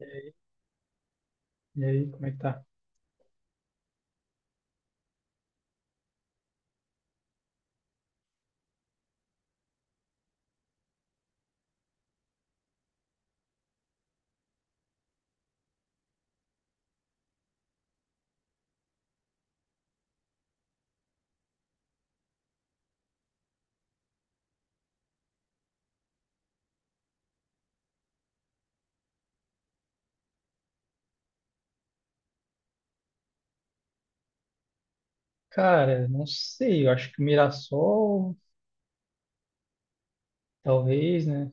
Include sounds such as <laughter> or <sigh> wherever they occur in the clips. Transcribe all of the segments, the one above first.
E aí, como é que tá? Cara, não sei, eu acho que Mirassol, talvez, né?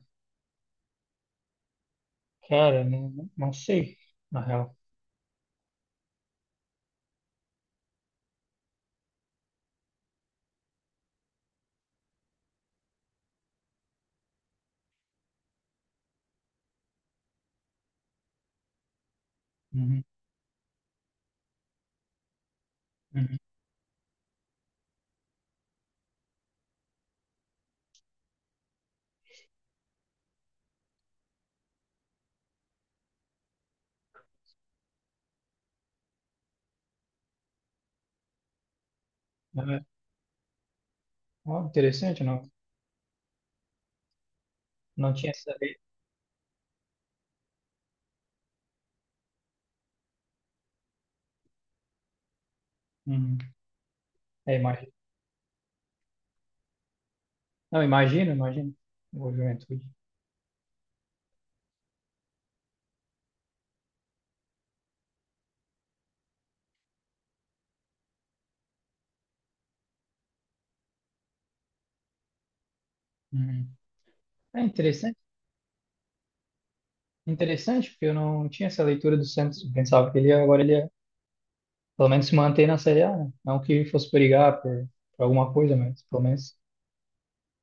Cara, não sei, na real. Uhum, uhum. Ah, ó, interessante, não, não tinha essa ideia. Uhum. É, imagina. Não, imagina, imagina. O Juventude. Uhum. É interessante, interessante, porque eu não tinha essa leitura do Santos. Eu pensava que agora ele ia, pelo menos, se manter na Série A, né? Não que fosse brigar por alguma coisa, mas pelo menos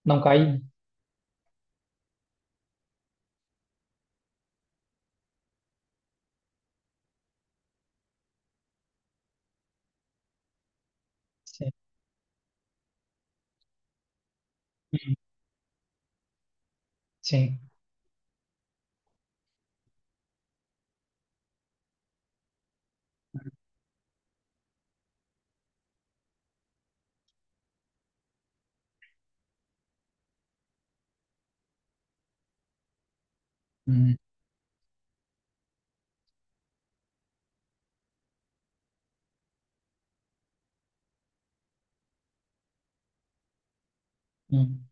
não cair. Sim, uhum, sim. Uhum. Uhum.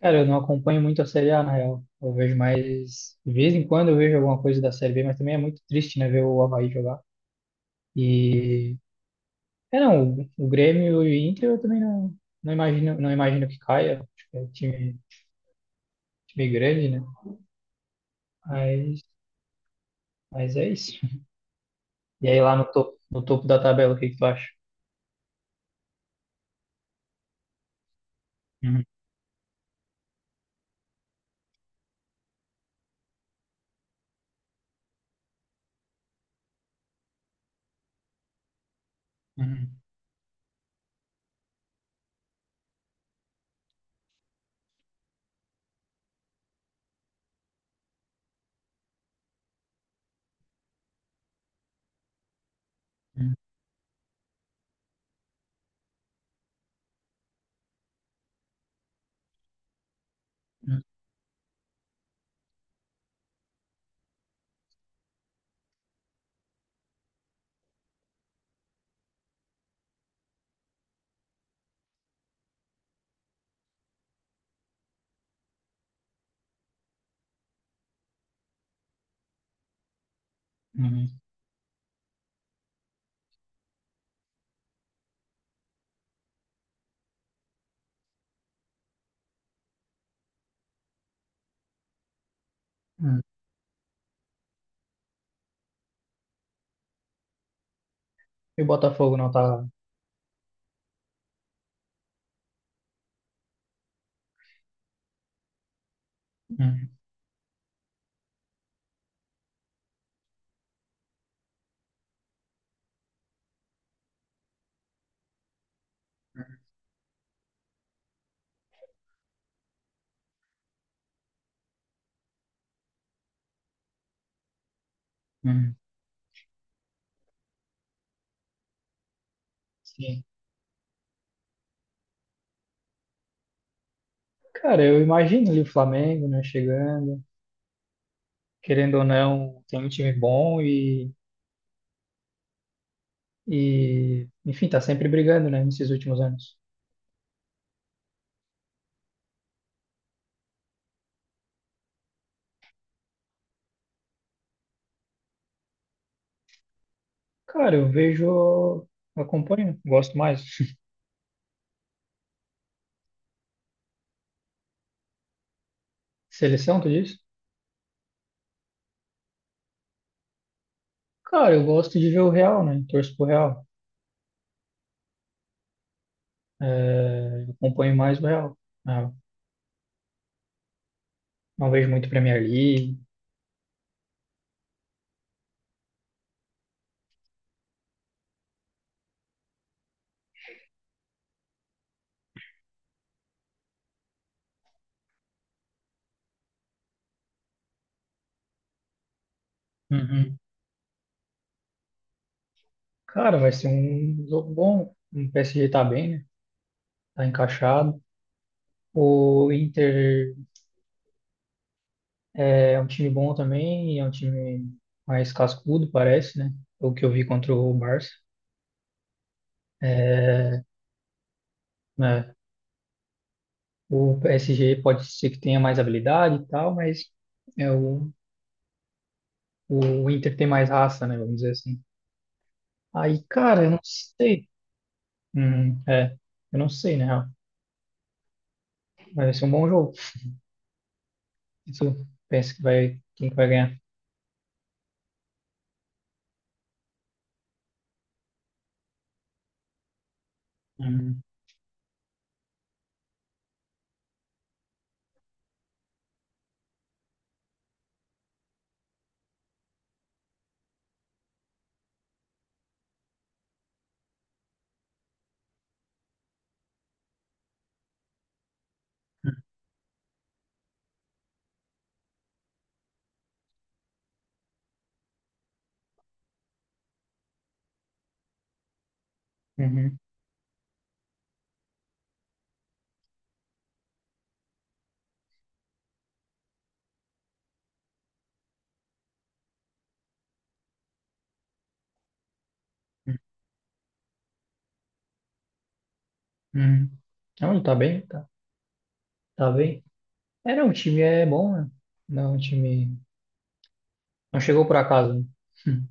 Cara, eu não acompanho muito a Série A, na real. Eu vejo mais. De vez em quando eu vejo alguma coisa da Série B, mas também é muito triste, né, ver o Avaí jogar. E. É, não, o Grêmio e o Inter eu também não imagino, não imagino que caia. Acho que é time grande, né? Mas, mas é isso. E aí lá no topo, no topo da tabela, o que que tu acha? Uhum, uhum, uhum, uhum, uhum, uhum. E o Botafogo não tá. Uhum, uhum. Sim. Cara, eu imagino ali o Flamengo, né, chegando. Querendo ou não, tem um time bom e enfim, tá sempre brigando, né, nesses últimos anos. Cara, eu vejo, acompanho, gosto mais. <laughs> Seleção, tu disse? Cara, eu gosto de ver o Real, né, torço pro Real. É, acompanho mais o Real. Não, não vejo muito Premier League. Uhum. Cara, vai ser um jogo bom. O PSG tá bem, né, tá encaixado. O Inter é é um time bom também, é um time mais cascudo, parece, né? O que eu vi contra o Barça. É, né? O PSG pode ser que tenha mais habilidade e tal, mas é, o, o Inter tem mais raça, né? Vamos dizer assim. Aí, cara, eu não sei. É, eu não sei, né? Vai ser um bom jogo. Isso, pensa que vai, quem que vai ganhar? Hum, uhum, uhum. Não, ele tá tá bem. É, não, o time é bom, né? Não, é um time. Não chegou por acaso, né? Hum,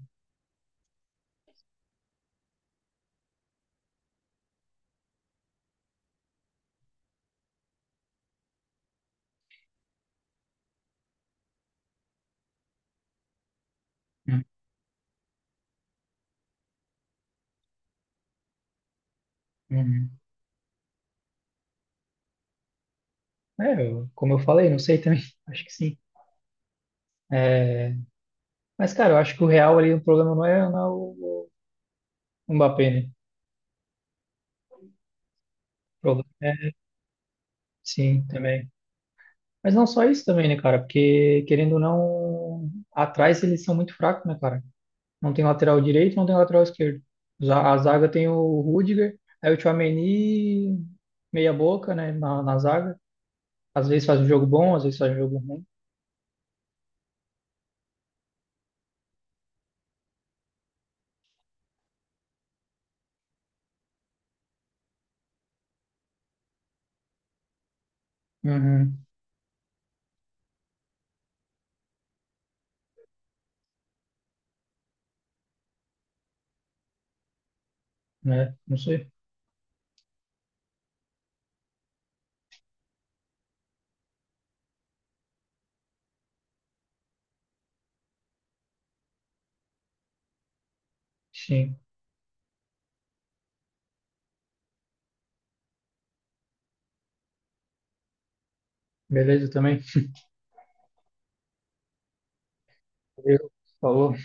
hum, hum, hum. É, eu- como eu falei, não sei também. <laughs> Acho que sim. É, mas, cara, eu acho que o real ali, o problema não é o Mbappé, né? O problema é, sim, também. Mas não só isso também, né, cara? Porque, querendo ou não, atrás eles são muito fracos, né, cara? Não tem lateral direito, não tem lateral esquerdo. Za- A zaga tem o Rudiger, aí o Tchouaméni, meia boca, né, na zaga. Às vezes faz um jogo bom, às vezes faz um jogo ruim. Uhum. Né? Não sei. Sim. Beleza também? Valeu. Falou.